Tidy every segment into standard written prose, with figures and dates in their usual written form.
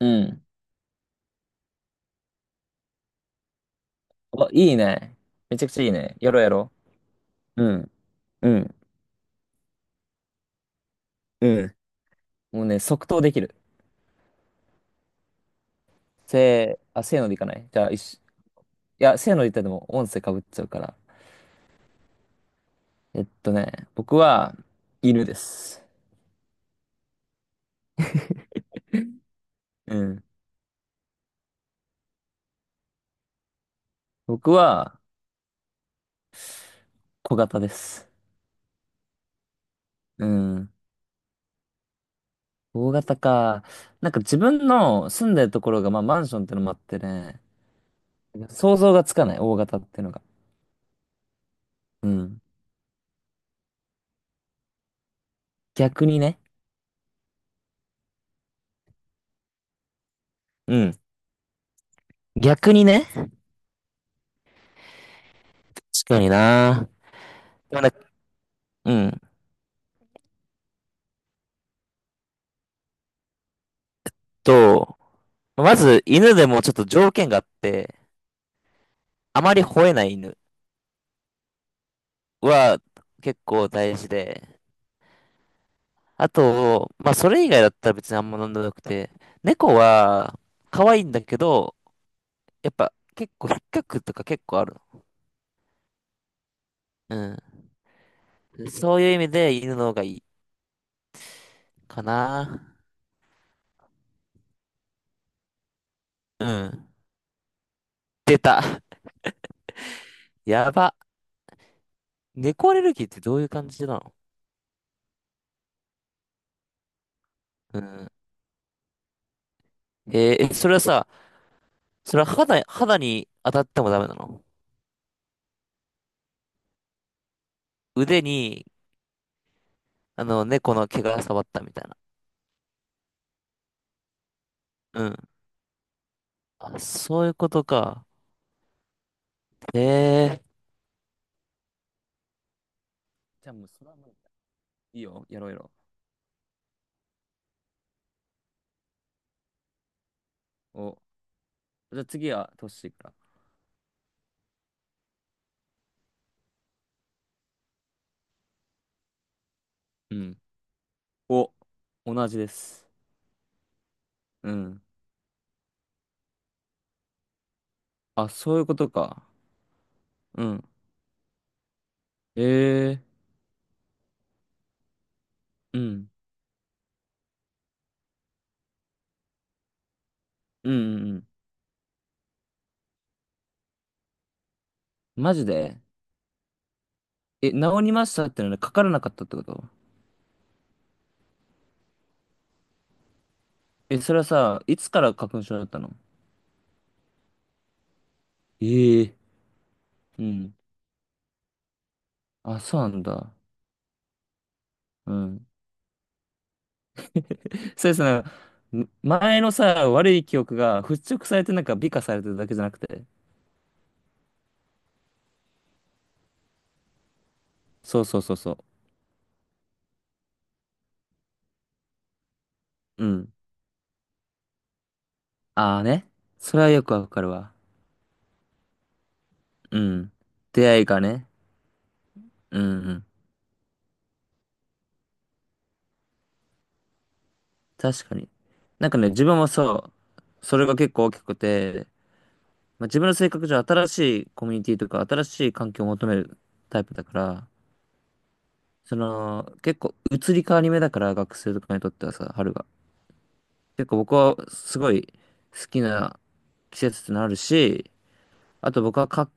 うん。お、いいね。めちゃくちゃいいね。やろうやろう。うん。うん。うん。もうね、即答できる。せーのでいかない？じゃあ、一緒。いや、せーので言ったらでも音声かぶっちゃうから。僕は、犬です。うん。僕は、小型です。うん。大型か。なんか自分の住んでるところが、まあマンションってのもあってね、想像がつかない、大型ってのが。うん。逆にね。うん。逆にね。確かにな。でもね。うん。と、まず犬でもちょっと条件があって、あまり吠えない犬は結構大事で、あと、まあそれ以外だったら別にあんま飲んでなくて、猫は可愛いんだけど、やっぱ結構引っかくとか結構あるの。うん。そういう意味で犬の方がいいかな。うん。出た。やば。猫アレルギーってどういう感じなの？うん。ええ、それはさ、それは肌に当たってもダメなの？腕に、猫の毛が触ったみたいな。うん。あ、そういうことか。へえ。じゃあもうそれはもういいよ、やろうやろう。お、じゃあ次はトッシーから。うん。お、同じです。うん。あ、そういうことか。うん。ええ。うん。うんうんうん。マジで？え、治りましたってのはかからなかったってこと？え、それはさ、いつから花粉症だったの？ええ。うん。あ、そうなんだ。うん。そうですね。前のさ、悪い記憶が払拭されてなんか美化されてるだけじゃなくて。そうそうそうそう。うん。ああね。それはよくわかるわ。うん。出会いがね。うんうん。確かに。なんかね、自分もそう、それが結構大きくて、まあ、自分の性格上新しいコミュニティとか新しい環境を求めるタイプだから、その、結構移り変わり目だから、学生とかにとってはさ、春が。結構僕はすごい好きな季節ってのあるし、あと僕はか、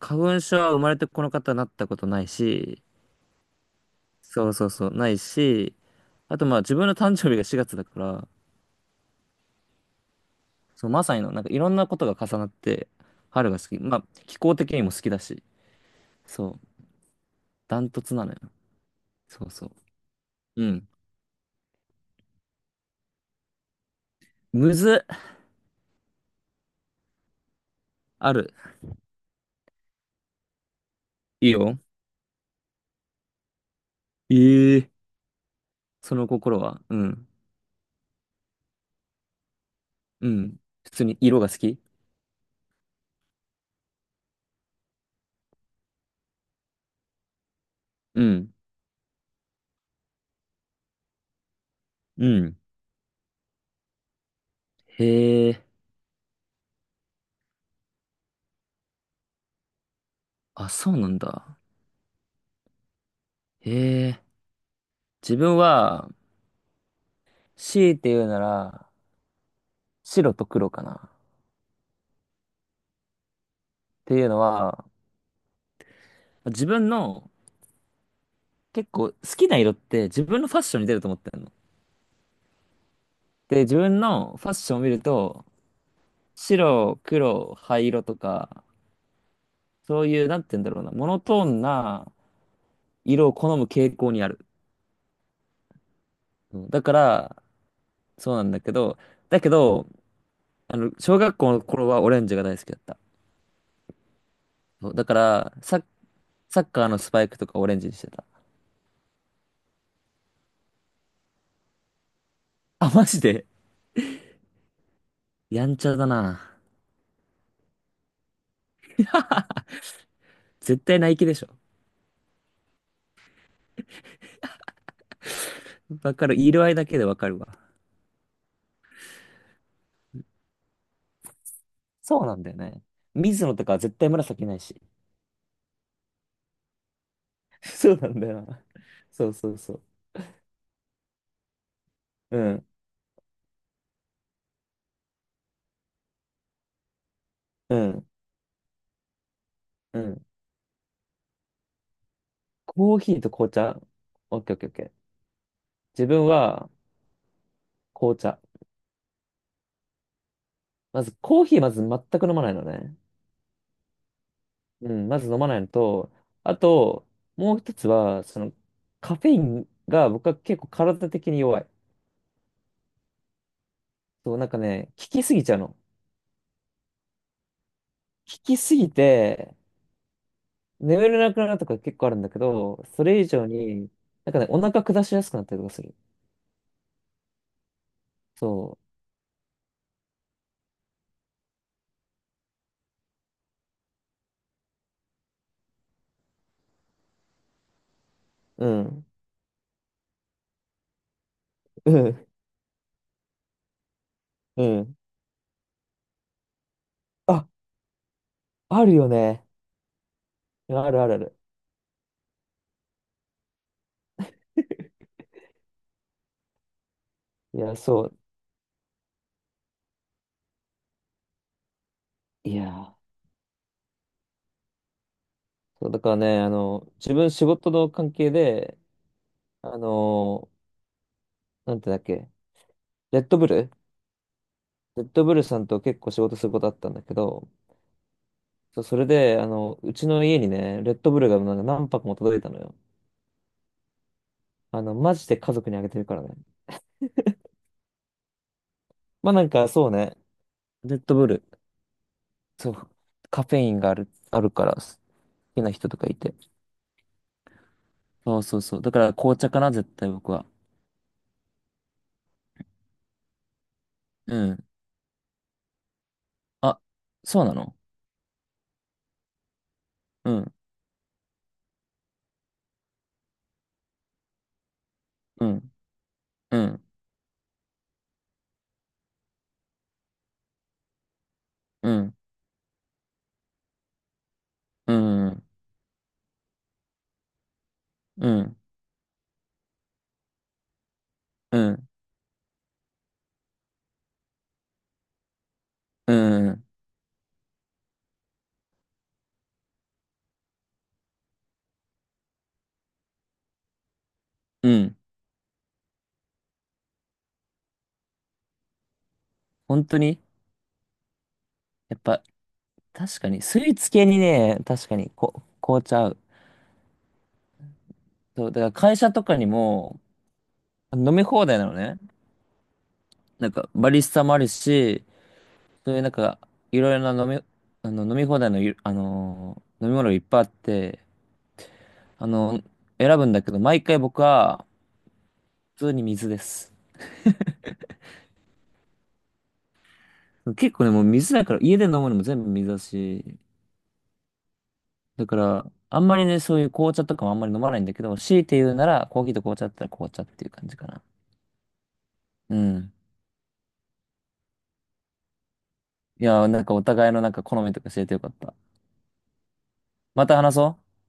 花粉症は生まれてこの方になったことないし、そうそうそう、ないし、あとまあ自分の誕生日が4月だから、そう、まさにの、なんかいろんなことが重なって、春が好き。まあ、気候的にも好きだし、そう、ダントツなのよ。そうそう。うん。むず、ある。いいよ。ええ。その心は、うん。うん。普通に色が好き？うん。うん。へえ。あ、そうなんだ。へえ。自分は、強いて言うなら、白と黒かな。っていうのは、自分の結構好きな色って自分のファッションに出ると思ってるの。で、自分のファッションを見ると、白、黒、灰色とか、そういう、なんて言うんだろうな、モノトーンな色を好む傾向にある。うん。だから、そうなんだけど、だけど、小学校の頃はオレンジが大好きだった。そうだから、サッカーのスパイクとかオレンジにしてた。あ、マジで？やんちゃだな。絶対ナイキでしょ。わかる。色合いだけでわかるわ。そうなんだよね。水野とか絶対紫ないし。そうなんだよな。そうそうそう。うん、うん、うん。コーヒーと紅茶？オッケーオッケーオッケー。自分は紅茶。まずコーヒーまず全く飲まないのね。うん、まず飲まないのと、あと、もう一つは、その、カフェインが僕は結構体的に弱い。そう、なんかね、効きすぎちゃうの。効きすぎて、眠れなくなるとか結構あるんだけど、それ以上に、なんかね、お腹下しやすくなったりとかする。そう。うん。うん。うん。あ、あるよね。あるあるある。いや、そう。いや、そう、だからね、自分仕事の関係で、あの、なんてだっけ、レッドブルレッドブルさんと結構仕事することあったんだけど、そう、それで、うちの家にね、レッドブルがなんか何泊も届いたのよ。マジで家族にあげてるからね。まあなんか、そうね、レッドブル、そう、カフェインがあるから、好きな人とかいて。そうそうそう。だから紅茶かな、絶対僕は。うん。あ、そうなの？うん、うん、うん、うん、うん、うん、うん、うん、うん。うん。本当に？やっぱ、確かに、スイーツ系にね、確かに、紅茶合う。そう、だから会社とかにも飲み放題なのね。なんか、バリスタもあるし、そういうなんか、いろいろな飲み、飲み放題のゆ、あのー飲み物がいっぱいあって、あの、選ぶんだけど、毎回僕は、普通に水です。結構ね、もう水だから、家で飲むのも全部水だし、だから、あんまりね、そういう紅茶とかもあんまり飲まないんだけど、強いて言うなら、コーヒーと紅茶だったら紅茶っていう感じかな。うん。いやー、なんかお互いのなんか好みとか教えてよかった。また話そう。